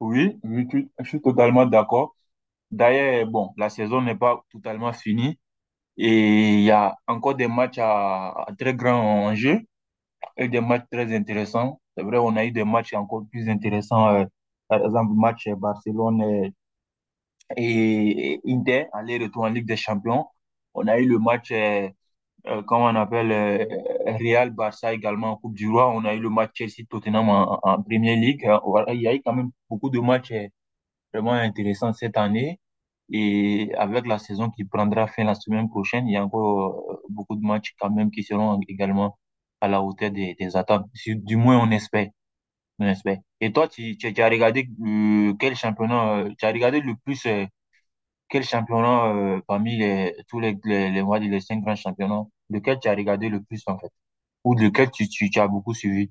Oui, oui, je suis totalement d'accord. D'ailleurs, bon, la saison n'est pas totalement finie et il y a encore des matchs à très grand enjeu et des matchs très intéressants. C'est vrai, on a eu des matchs encore plus intéressants, par exemple, le match Barcelone et Inter, aller-retour en Ligue des Champions. On a eu le match, comment on appelle, Real-Barça également en Coupe du Roi. On a eu le match Chelsea-Tottenham en Premier League. Voilà, il y a eu quand même beaucoup de matchs vraiment intéressant cette année. Et avec la saison qui prendra fin la semaine prochaine, il y a encore beaucoup de matchs quand même qui seront également à la hauteur des attentes. Du moins, on espère, on espère. Et toi, tu as regardé quel championnat, tu as regardé le plus quel championnat parmi tous les, on va dire les cinq grands championnats, lequel tu as regardé le plus en fait, ou lequel tu as beaucoup suivi?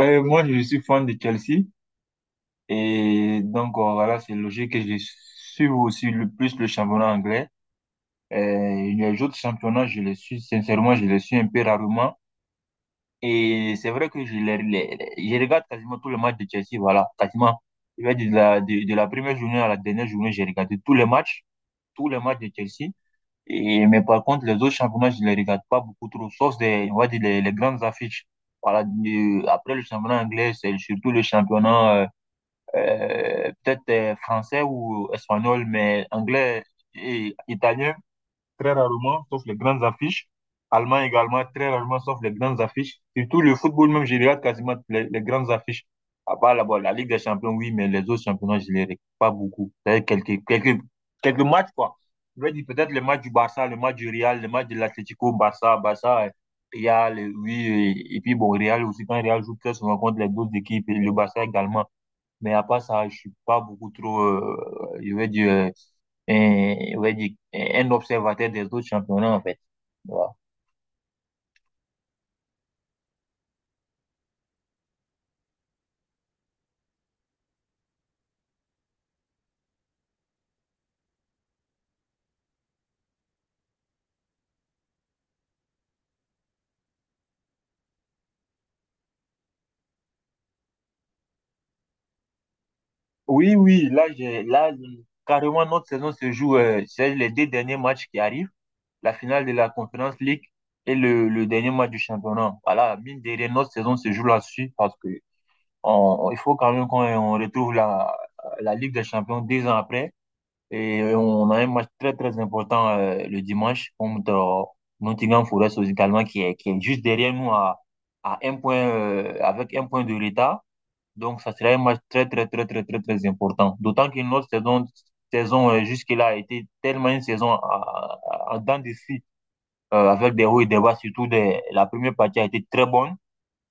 Moi, je suis fan de Chelsea. Et donc, voilà, c'est logique que je suis aussi le plus le championnat anglais. Euh, les autres championnats, je les suis, sincèrement, je les suis un peu rarement. Et c'est vrai que je regarde quasiment tous les matchs de Chelsea, voilà, quasiment. Je vais dire de la première journée à la dernière journée, j'ai regardé tous les matchs de Chelsea. Et, mais par contre, les autres championnats, je les regarde pas beaucoup trop, sauf des, on va dire les grandes affiches. Voilà, après le championnat anglais, c'est surtout le championnat, peut-être français ou espagnol, mais anglais et italien, très rarement, sauf les grandes affiches. Allemand également, très rarement, sauf les grandes affiches. Surtout le football même, je regarde quasiment les grandes affiches. À part la, bon, la Ligue des Champions, oui, mais les autres championnats, je les regarde pas beaucoup. C'est-à-dire quelques matchs, quoi. Je vais dire peut-être le match du Barça, le match du Real, le match de l'Atlético, Real, oui. Et, puis bon, Real aussi, quand Real joue très souvent contre les deux équipes, et le Barça également. Mais à part ça, je suis pas beaucoup trop, je vais dire, un, je vais dire, un observateur des autres championnats, en fait. Voilà. Oui, oui, là, carrément, notre saison se joue, c'est les deux derniers matchs qui arrivent, la finale de la Conference League et le dernier match du championnat. Voilà, mine de rien, notre saison se joue là-dessus parce que il faut quand même qu'on on retrouve la Ligue des Champions deux ans après. Et on a un match très, très important le dimanche contre Nottingham Forest également qui est juste derrière nous à un point, avec un point de l'état. Donc, ça sera un match très, très, très, très, très, très important. D'autant que notre saison jusque-là a été tellement une saison à en dents de scie, avec des hauts et des bas, surtout des, la première partie a été très bonne.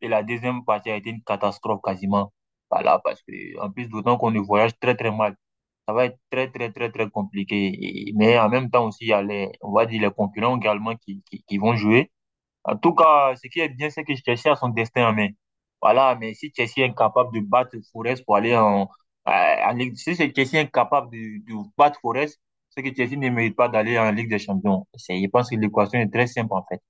Et la deuxième partie a été une catastrophe quasiment. Voilà, parce que, en plus, d'autant qu'on ne voyage très, très mal. Ça va être très, très, très, très compliqué. Mais en même temps aussi, il y a les, on va dire, les concurrents également qui vont jouer. En tout cas, ce qui est bien, c'est que Chelsea a son destin en main. Voilà, mais si Chelsea est incapable de battre Forest pour aller euh, en Ligue, si c'est Chelsea est incapable de battre Forest, c'est que Chelsea ne mérite pas d'aller en Ligue des Champions. C'est, je pense que l'équation est très simple, en fait.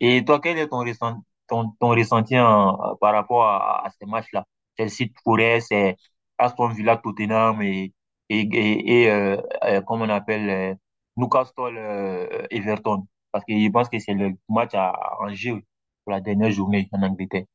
Et toi, quel est ton ressenti par rapport à ces matchs-là? Chelsea Forest, c'est Aston Villa Tottenham et, comment on appelle Newcastle Everton. Parce que je pense que c'est le match à Angers pour la dernière journée en Angleterre.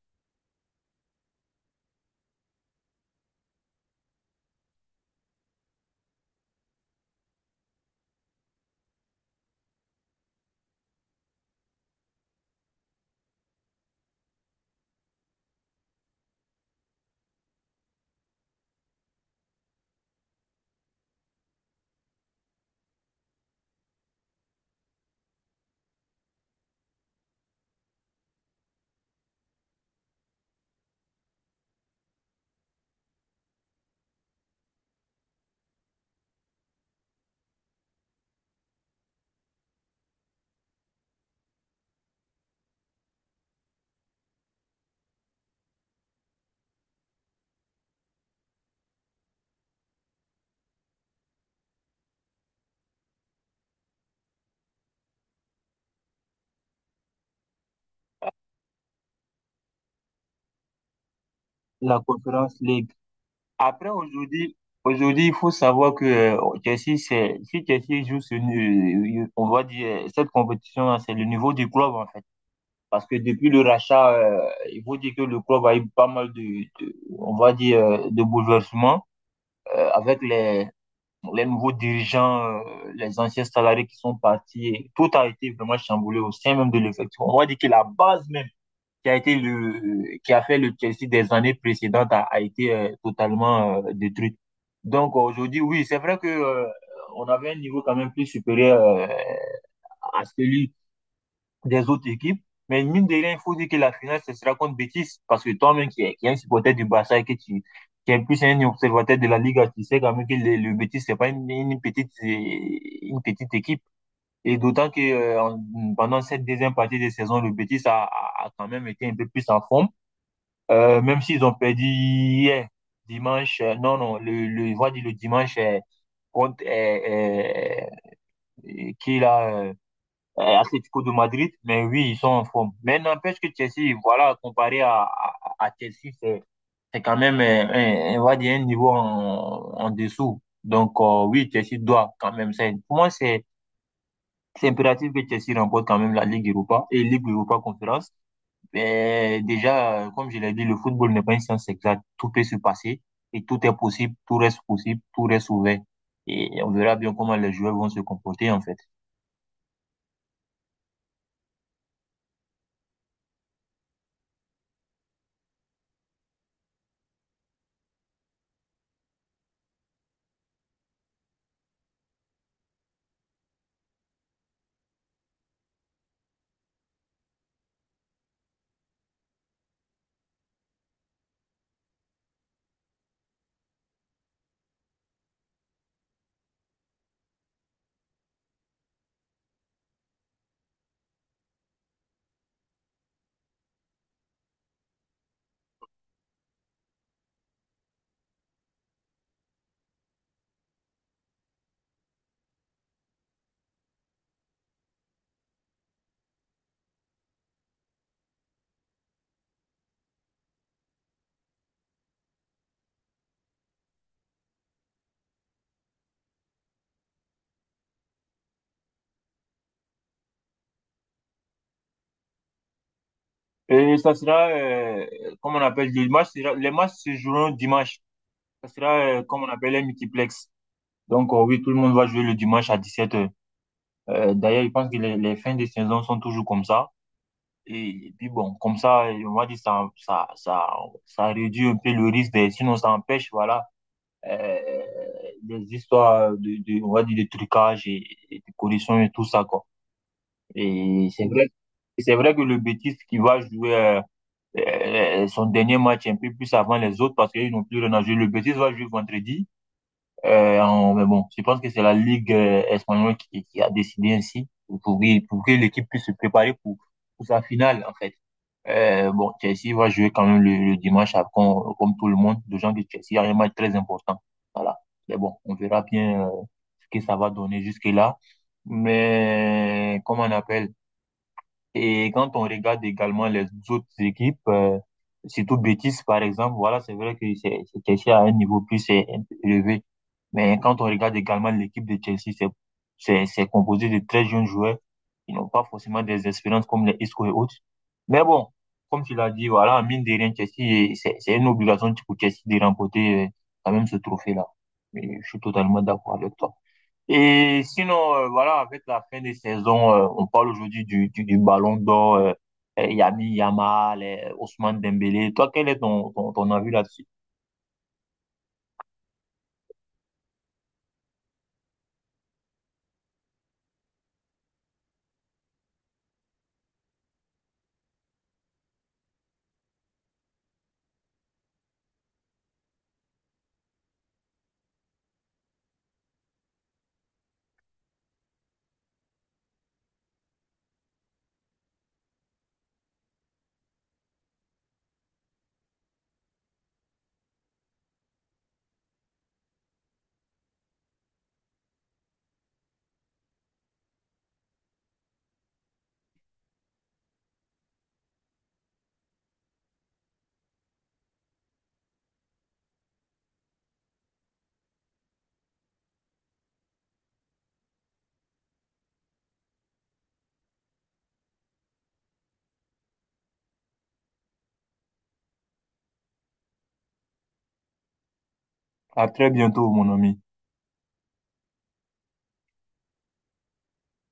La Conference League. Après, aujourd'hui, aujourd'hui, il faut savoir que Chelsea, c'est, si Chelsea joue on va dire, cette compétition, c'est le niveau du club, en fait. Parce que depuis le rachat, il faut dire que le club a eu pas mal on va dire, de bouleversements avec les nouveaux dirigeants, les anciens salariés qui sont partis. Et tout a été vraiment chamboulé au sein même de l'effectif. On va dire que la base même qui a fait le Chelsea des années précédentes a été totalement détruite. Donc aujourd'hui, oui, c'est vrai que on avait un niveau quand même plus supérieur à celui des autres équipes. Mais mine de rien, il faut dire que la finale, ce sera contre Betis. Parce que toi-même qui es un supporter du Barça et que qui est plus un observateur de la Liga tu sais quand même que le Betis, c'est pas une petite, une petite équipe. Et d'autant que pendant cette deuxième partie de saison, le Betis a quand même été un peu plus en forme. Même s'ils ont perdu hier, dimanche, non, non, je vais dire le dimanche contre qui là, Atlético de Madrid, mais oui, ils sont en forme. Mais n'empêche que Chelsea, voilà, comparé à Chelsea, c'est quand même, un, on va dire, un niveau en dessous. Donc, oui, Chelsea doit quand même. C'est, pour moi, c'est impératif que Chelsea remporte quand même la Ligue Europa et Ligue Europa Conférence. Mais déjà, comme je l'ai dit, le football n'est pas une science exacte. Tout peut se passer et tout est possible, tout reste ouvert. Et on verra bien comment les joueurs vont se comporter, en fait. Et ça sera, comme on appelle, les matchs se joueront dimanche. Ça sera, comme on appelle, les multiplex. Donc, oui, tout le monde va jouer le dimanche à 17 h. D'ailleurs, je pense que les fins de saison sont toujours comme ça. Et puis, bon, comme ça, on va dire, ça réduit un peu le risque, sinon ça empêche, voilà, euh, des histoires on va dire, de trucage et de corruption et tout ça, quoi. Et c'est vrai que le bêtise qui va jouer, son dernier match un peu plus avant les autres parce qu'ils n'ont plus rien à jouer. Le Betis va jouer vendredi. Mais bon, je pense que c'est la Ligue espagnole qui a décidé ainsi pour que l'équipe puisse se préparer pour sa finale, en fait. Bon, Chelsea va jouer quand même le dimanche, comme, tout le monde. De gens de Chelsea, il y a un match très important. Voilà. Mais bon, on verra bien ce que ça va donner jusque-là. Mais, comment on appelle? Et quand on regarde également les autres équipes, surtout Betis par exemple, voilà, c'est vrai que c'est Chelsea à un niveau élevé. Mais quand on regarde également l'équipe de Chelsea, c'est composé de très jeunes joueurs qui n'ont pas forcément des expériences comme les Isco et autres. Mais bon, comme tu l'as dit, voilà, mine de rien, Chelsea, c'est une obligation pour Chelsea de remporter quand même ce trophée-là. Et je suis totalement d'accord avec toi. Et sinon, voilà, avec la fin des saisons, on parle aujourd'hui du Ballon d'Or, Yami Yamal, Ousmane Dembélé. Toi, quel est ton avis là-dessus? À très bientôt, mon ami.